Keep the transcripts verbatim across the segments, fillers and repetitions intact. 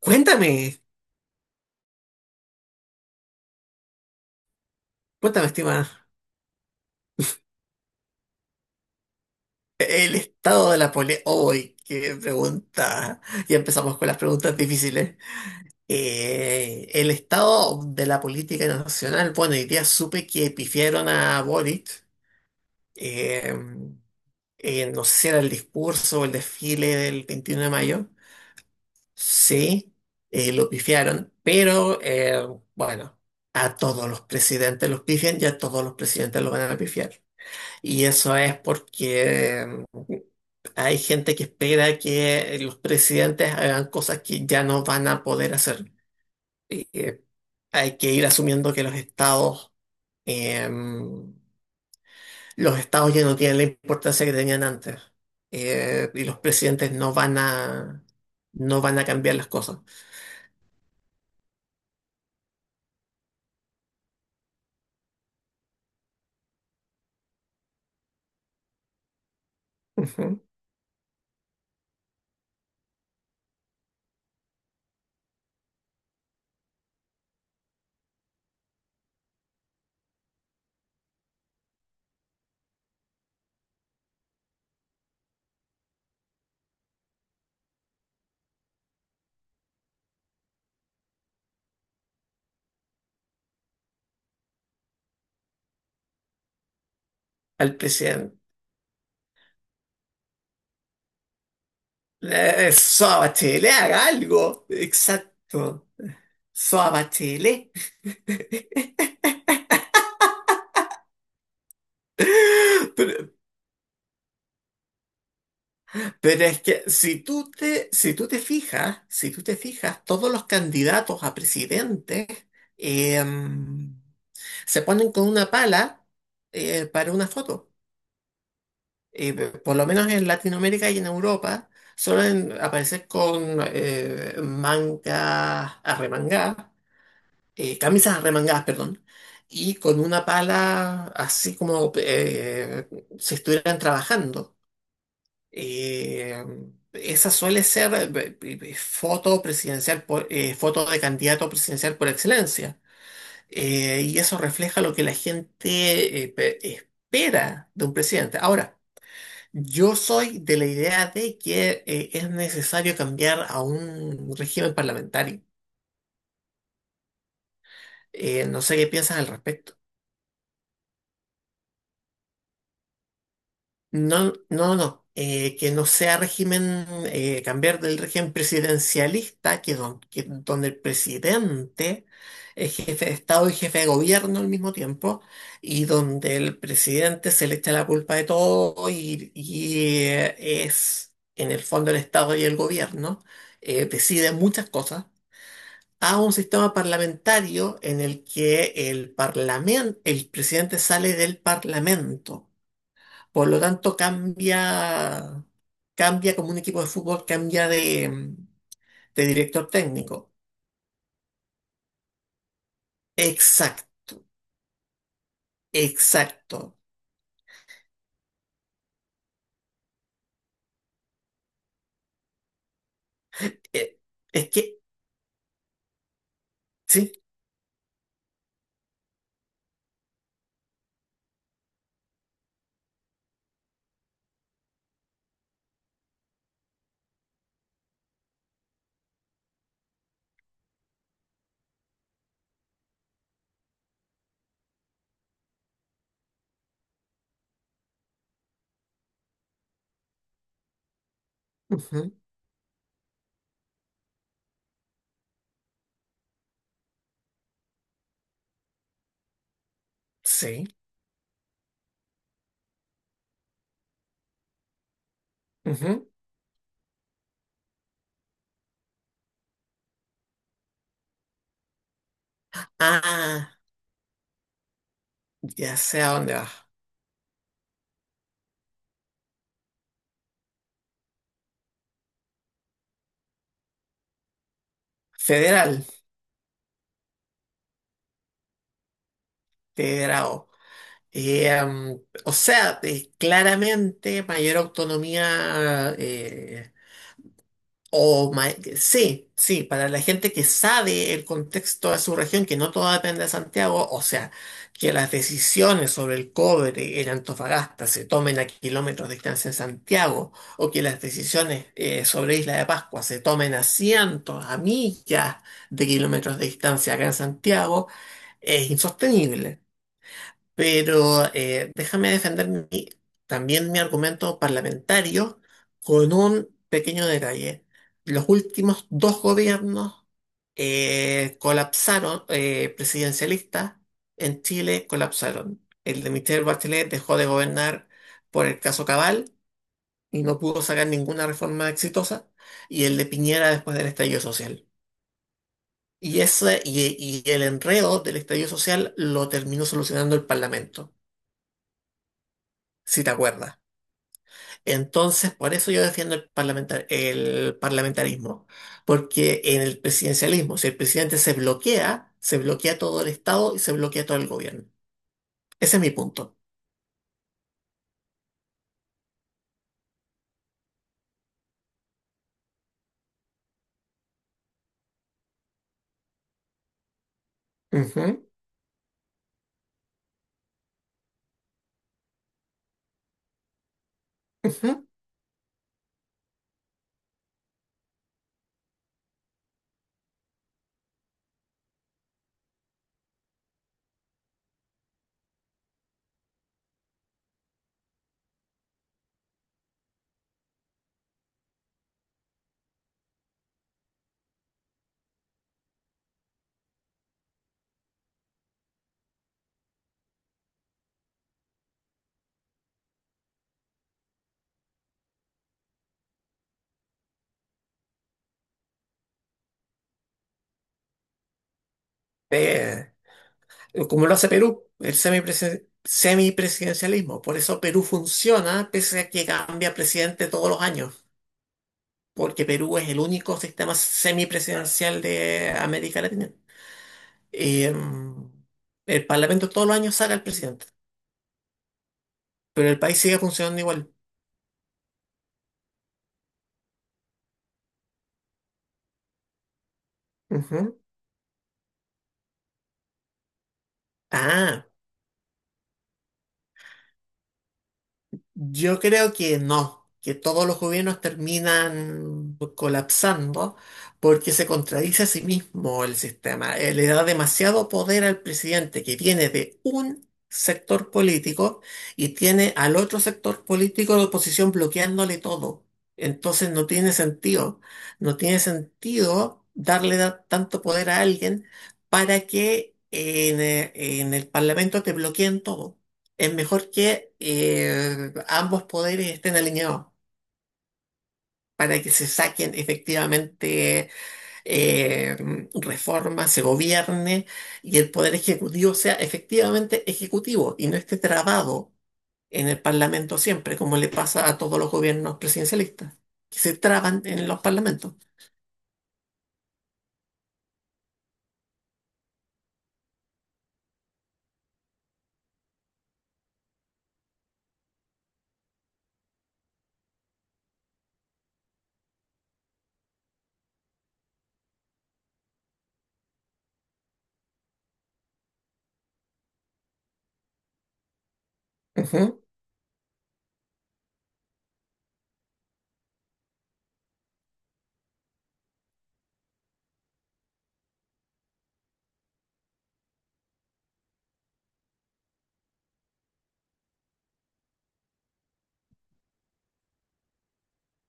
Cuéntame, cuéntame, estimada. El estado de la política. ¡Uy, qué pregunta! Ya empezamos con las preguntas difíciles. Eh, el estado de la política nacional. Bueno, hoy día supe que pifiaron a Boric. eh, eh, no sé si era el discurso o el desfile del veintiuno de mayo. Sí, eh, lo pifiaron. Pero, eh, bueno, a todos los presidentes los pifian y a todos los presidentes los van a pifiar. Y eso es porque mm, hay gente que espera que los presidentes hagan cosas que ya no van a poder hacer. Y, eh, hay que ir asumiendo que los estados, eh, mm, los estados ya no tienen la importancia que tenían antes. Eh, y los presidentes no van a, no van a cambiar las cosas. Ujú. Al presidente. Eh, Soa Bachelet, haga algo. Exacto. Soa Bachelet. Pero, Pero es que si tú te, si tú te fijas, si tú te fijas, todos los candidatos a presidente, em, se ponen con una pala, eh, para una foto. Eh, por lo menos en Latinoamérica y en Europa suelen aparecer con eh, mangas arremangadas, eh, camisas arremangadas, perdón, y con una pala así como, eh, si estuvieran trabajando. Eh, Esa suele ser, eh, eh, eh, foto presidencial, por- eh, foto de candidato presidencial por excelencia. Eh, y eso refleja lo que la gente eh, pe- espera de un presidente. Ahora, yo soy de la idea de que eh, es necesario cambiar a un régimen parlamentario. Eh, no sé qué piensas al respecto. No, no, no. Eh, que no sea régimen, eh, cambiar del régimen presidencialista, que, don- que- donde el presidente es jefe de Estado y jefe de gobierno al mismo tiempo, y donde el presidente se le echa la culpa de todo y, y, eh, es, en el fondo, el Estado y el gobierno, eh, deciden muchas cosas, a un sistema parlamentario en el que el parlamen- el presidente sale del parlamento. Por lo tanto, cambia, cambia como un equipo de fútbol, cambia de, de director técnico. Exacto, exacto. Eh, es que, sí, ujú, sí. Ujú. Ah, ya sé a dónde vas. Federal, federado. Eh, um, o sea, eh, claramente mayor autonomía. eh, O ma- sí, sí, para la gente que sabe el contexto de su región, que no todo depende de Santiago, o sea, que las decisiones sobre el cobre en Antofagasta se tomen a kilómetros de distancia en Santiago, o que las decisiones, eh, sobre Isla de Pascua se tomen a cientos, a millas de kilómetros de distancia acá en Santiago, es insostenible. Pero, eh, déjame defender mi- también mi argumento parlamentario con un pequeño detalle. Los últimos dos gobiernos, eh, colapsaron, eh, presidencialistas en Chile colapsaron. El de Michelle Bachelet dejó de gobernar por el caso Cabal y no pudo sacar ninguna reforma exitosa, y el de Piñera después del estallido social. Y, ese, y, y el enredo del estallido social lo terminó solucionando el Parlamento, si te acuerdas. Entonces, por eso yo defiendo el parlamentar- el parlamentarismo, porque en el presidencialismo, si el presidente se bloquea, se bloquea todo el Estado y se bloquea todo el gobierno. Ese es mi punto. Ujú, ujú. Eh, Como lo hace Perú, el semipresi- semipresidencialismo. Por eso Perú funciona, pese a que cambia presidente todos los años, porque Perú es el único sistema semipresidencial de América Latina. Y, em, el Parlamento todos los años saca al presidente. Pero el país sigue funcionando igual. Ujú. Ah, yo creo que no, que todos los gobiernos terminan colapsando porque se contradice a sí mismo el sistema. Eh, Le da demasiado poder al presidente que viene de un sector político y tiene al otro sector político de oposición bloqueándole todo. Entonces no tiene sentido, no tiene sentido darle da- tanto poder a alguien para que en eh, en el Parlamento te bloqueen todo. Es mejor que, eh, ambos poderes estén alineados para que se saquen efectivamente, eh, reformas, se gobierne y el poder ejecutivo sea efectivamente ejecutivo y no esté trabado en el Parlamento siempre, como le pasa a todos los gobiernos presidencialistas, que se traban en los parlamentos. Ujú.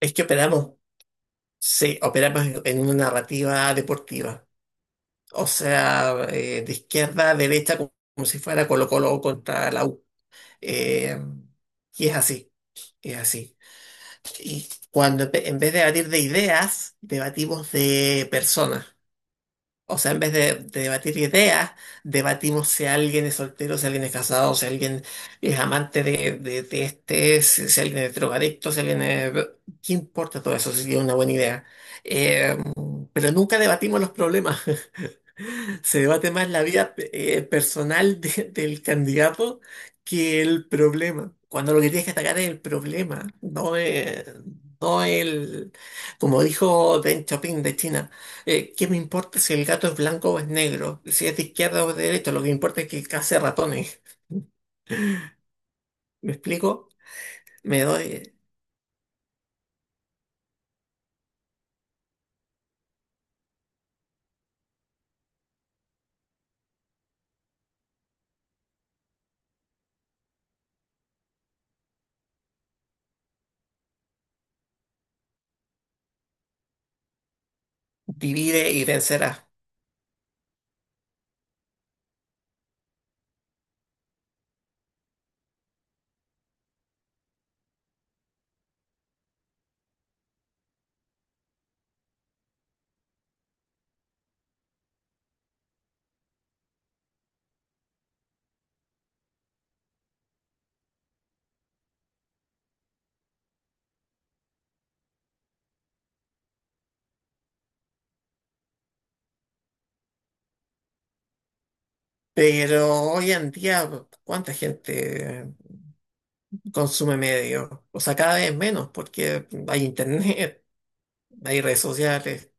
Es que operamos, sí, operamos en en una narrativa deportiva, o sea, eh, de izquierda a derecha como como si fuera Colo-Colo contra la U. Eh, y es así, es así. Y cuando en ve- en vez de debatir de ideas, debatimos de personas. O sea, en vez de, de debatir ideas, debatimos si alguien es soltero, si alguien es casado, si alguien es amante de, de- de este, si, si alguien es drogadicto, si alguien es... ¿Qué importa todo eso si es una buena idea? Eh, pero nunca debatimos los problemas. Se debate más la vida, eh, personal de- del candidato que el problema. Cuando lo que tienes que atacar es el problema, no, eh, no el, como dijo Deng Xiaoping de China, eh, ¿qué me importa si el gato es blanco o es negro? Si es de izquierda o de derecha, lo que importa es que case ratones. ¿Me explico? Me doy, divide y vencerás. Pero hoy en día, ¿cuánta gente consume medios? O sea, cada vez menos porque hay internet. Hay redes sociales.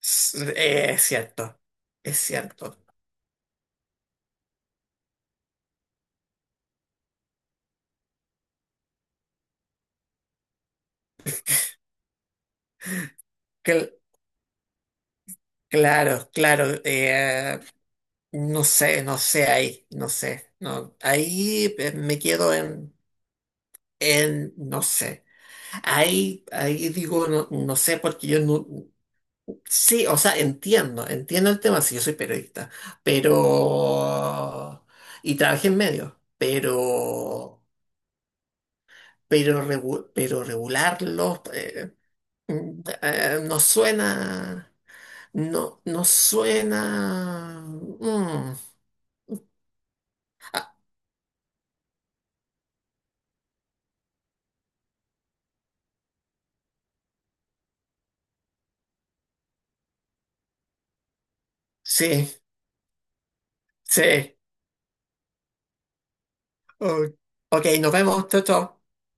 S- eh, Es cierto, es cierto. Cl- claro, claro. Eh, no sé, no sé ahí, no sé. No, ahí eh, me quedo en, en, no sé. Ahí, ahí digo, no, no sé, porque yo no... Sí, o sea, entiendo, entiendo el tema, si yo soy periodista, pero... Y trabajé en medios, pero... Pero, regu- pero regularlos... eh, Mm, eh, nos suena, no, nos suena. Mm, sí, sí. Oh, ok, nos vemos, chao, chao.